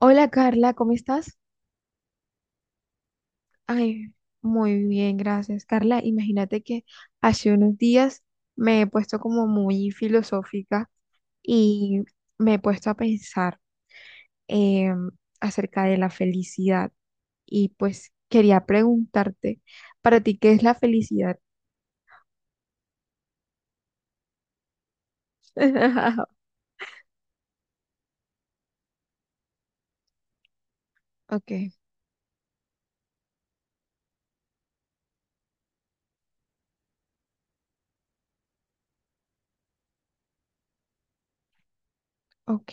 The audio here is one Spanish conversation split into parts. Hola Carla, ¿cómo estás? Ay, muy bien, gracias. Carla, imagínate que hace unos días me he puesto como muy filosófica y me he puesto a pensar em, acerca de la felicidad y pues quería preguntarte, para ti, ¿qué es la felicidad? Ok, ok.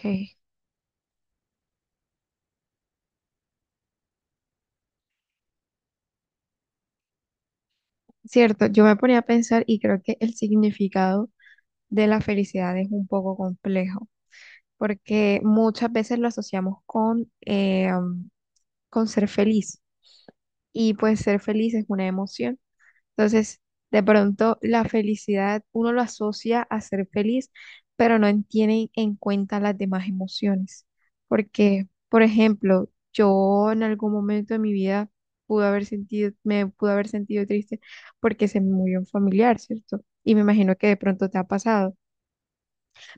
Cierto, yo me ponía a pensar y creo que el significado de la felicidad es un poco complejo, porque muchas veces lo asociamos con, con ser feliz, y pues ser feliz es una emoción. Entonces, de pronto la felicidad uno lo asocia a ser feliz, pero no tiene en cuenta las demás emociones, porque, por ejemplo, yo en algún momento de mi vida pude haber sentido, me pude haber sentido triste porque se me murió un familiar, ¿cierto? Y me imagino que de pronto te ha pasado,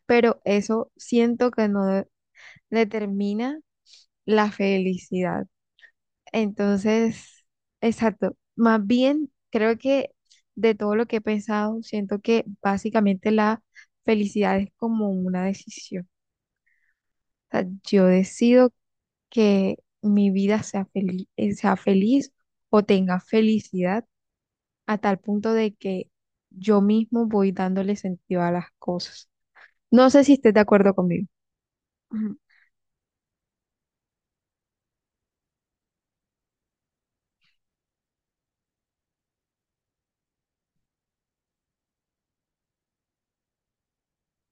pero eso siento que no determina la felicidad. Entonces, exacto. Más bien, creo que de todo lo que he pensado, siento que básicamente la felicidad es como una decisión. O sea, yo decido que mi vida sea feliz o tenga felicidad a tal punto de que yo mismo voy dándole sentido a las cosas. No sé si estés de acuerdo conmigo. Ujú,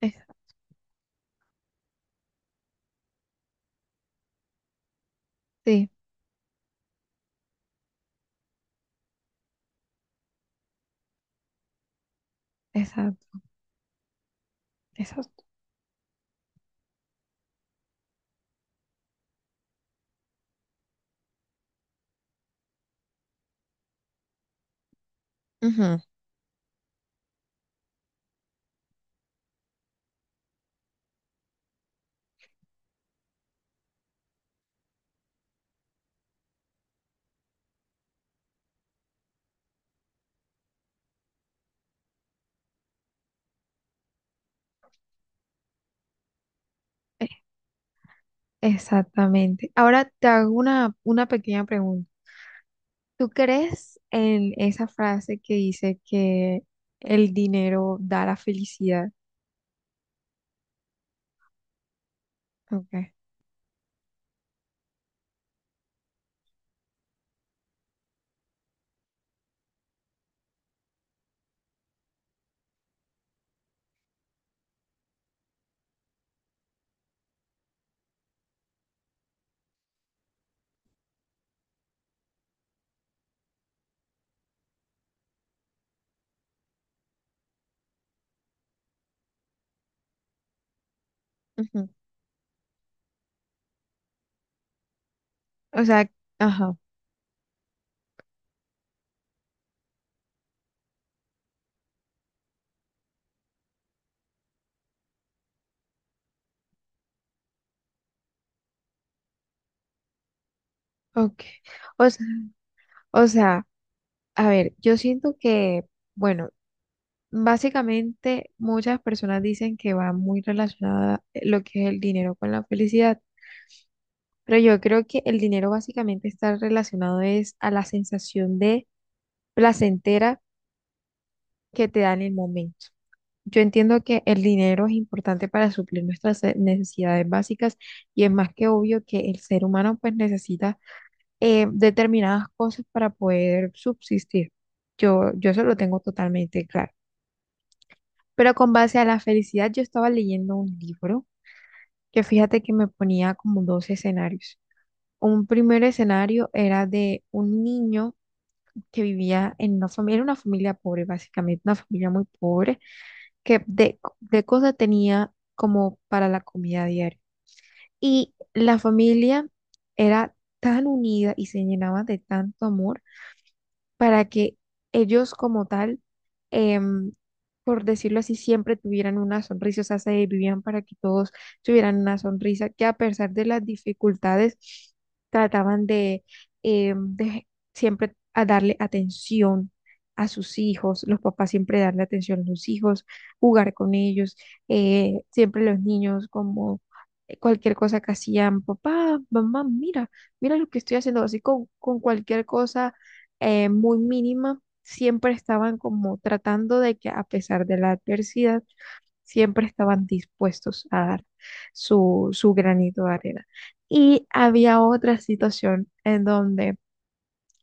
exa- sí, exacto, exacto. Ujú, exactamente. Ahora te hago una pequeña pregunta. ¿Tú crees en esa frase que dice que el dinero da la felicidad? Okay. Ujú. O sea, ajá, ok. O sea, o sea, a ver, yo siento que, bueno, básicamente muchas personas dicen que va muy relacionada lo que es el dinero con la felicidad, pero yo creo que el dinero básicamente está relacionado es a la sensación de placentera que te da en el momento. Yo entiendo que el dinero es importante para suplir nuestras necesidades básicas, y es más que obvio que el ser humano pues necesita determinadas cosas para poder subsistir. Yo eso lo tengo totalmente claro. Pero con base a la felicidad yo estaba leyendo un libro que, fíjate, que me ponía como dos escenarios. Un primer escenario era de un niño que vivía en una familia, era una familia pobre básicamente, una familia muy pobre, que de cosas tenía como para la comida diaria. Y la familia era tan unida y se llenaba de tanto amor para que ellos como tal, em, por decirlo así, siempre tuvieran una sonrisa, o sea, se vivían para que todos tuvieran una sonrisa, que a pesar de las dificultades, trataban de, de siempre a darle atención a sus hijos, los papás siempre darle atención a sus hijos, jugar con ellos, siempre los niños como cualquier cosa que hacían, papá, mamá, mira, mira lo que estoy haciendo, así con cualquier cosa muy mínima, siempre estaban como tratando de que a pesar de la adversidad, siempre estaban dispuestos a dar su, su granito de arena. Y había otra situación en donde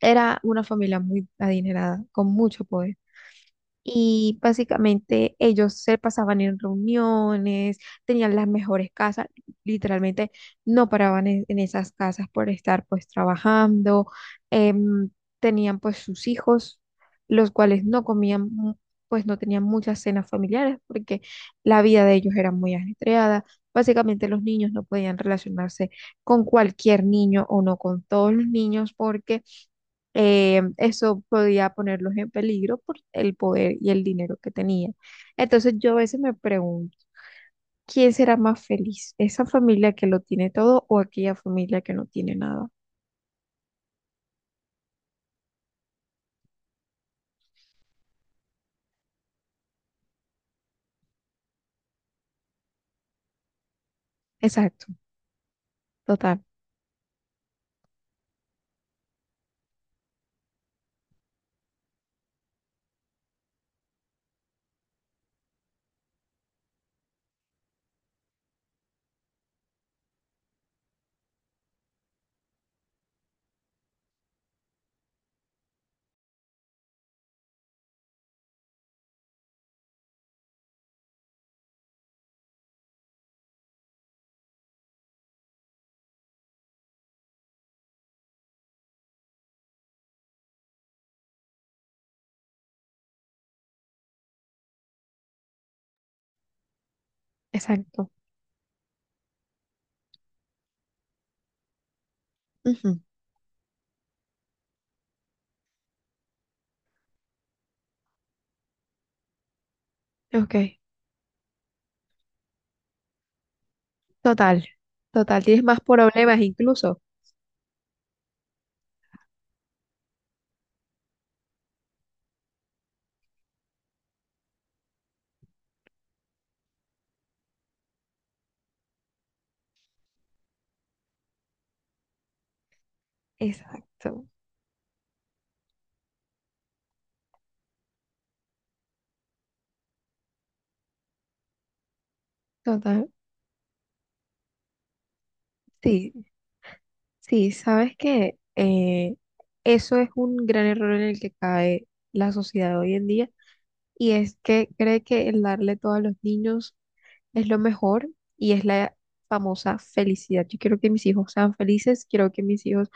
era una familia muy adinerada, con mucho poder, y básicamente ellos se pasaban en reuniones, tenían las mejores casas, literalmente no paraban en esas casas por estar pues trabajando. em, Tenían pues sus hijos, los cuales no comían, pues no tenían muchas cenas familiares porque la vida de ellos era muy ajetreada. Básicamente los niños no podían relacionarse con cualquier niño o no con todos los niños porque eso podía ponerlos en peligro por el poder y el dinero que tenía. Entonces yo a veces me pregunto, ¿quién será más feliz? ¿Esa familia que lo tiene todo o aquella familia que no tiene nada? Exacto, total, exacto. Ujú, ok, total, total. Tienes más problemas incluso. Exacto, total. Sí, sí, sabes que eso es un gran error en el que cae la sociedad hoy en día, y es que cree que el darle todo a los niños es lo mejor y es la famosa felicidad. Yo quiero que mis hijos sean felices, quiero que mis hijos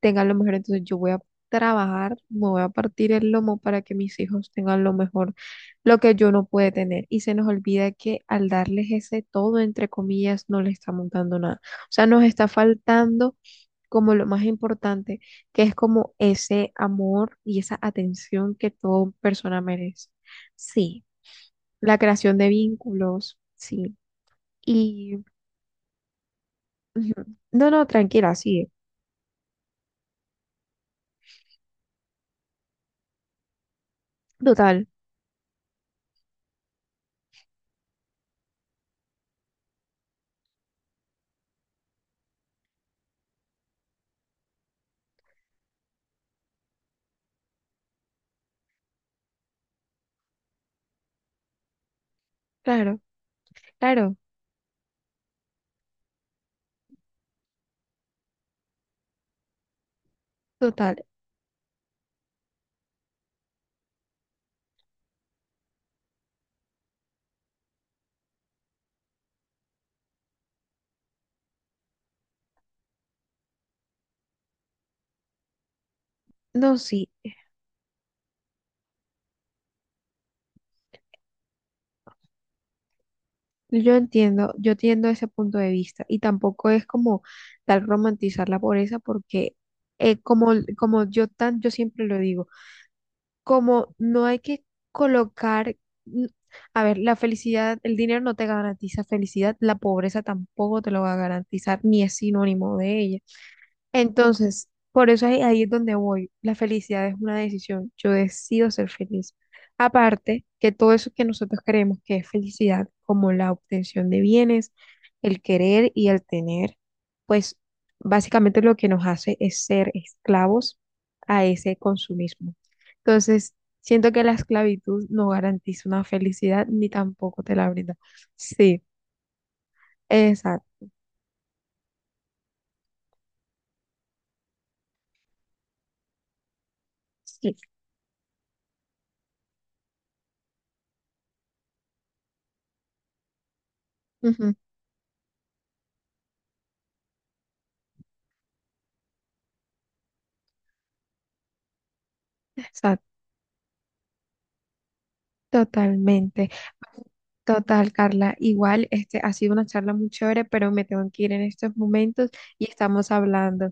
tengan lo mejor, entonces yo voy a trabajar, me voy a partir el lomo para que mis hijos tengan lo mejor, lo que yo no pude tener. Y se nos olvida que al darles ese todo, entre comillas, no le estamos dando nada. O sea, nos está faltando como lo más importante, que es como ese amor y esa atención que toda persona merece. Sí, la creación de vínculos, sí. Y ujú. No, no, tranquila, sí. Total, claro, claro, total. No, sí, yo entiendo ese punto de vista, y tampoco es como tal romantizar la pobreza porque como, como yo tan, yo siempre lo digo, como no hay que colocar, n- a ver, la felicidad, el dinero no te garantiza felicidad, la pobreza tampoco te lo va a garantizar, ni es sinónimo de ella. Entonces, por eso ahí, ahí es donde voy. La felicidad es una decisión. Yo decido ser feliz. Aparte, que todo eso que nosotros creemos que es felicidad, como la obtención de bienes, el querer y el tener, pues básicamente lo que nos hace es ser esclavos a ese consumismo. Entonces, siento que la esclavitud no garantiza una felicidad ni tampoco te la brinda. Sí, exacto. Sí. Ujú, exacto. Totalmente. Total, Carla. Igual, este ha sido una charla muy chévere, pero me tengo que ir en estos momentos y estamos hablando.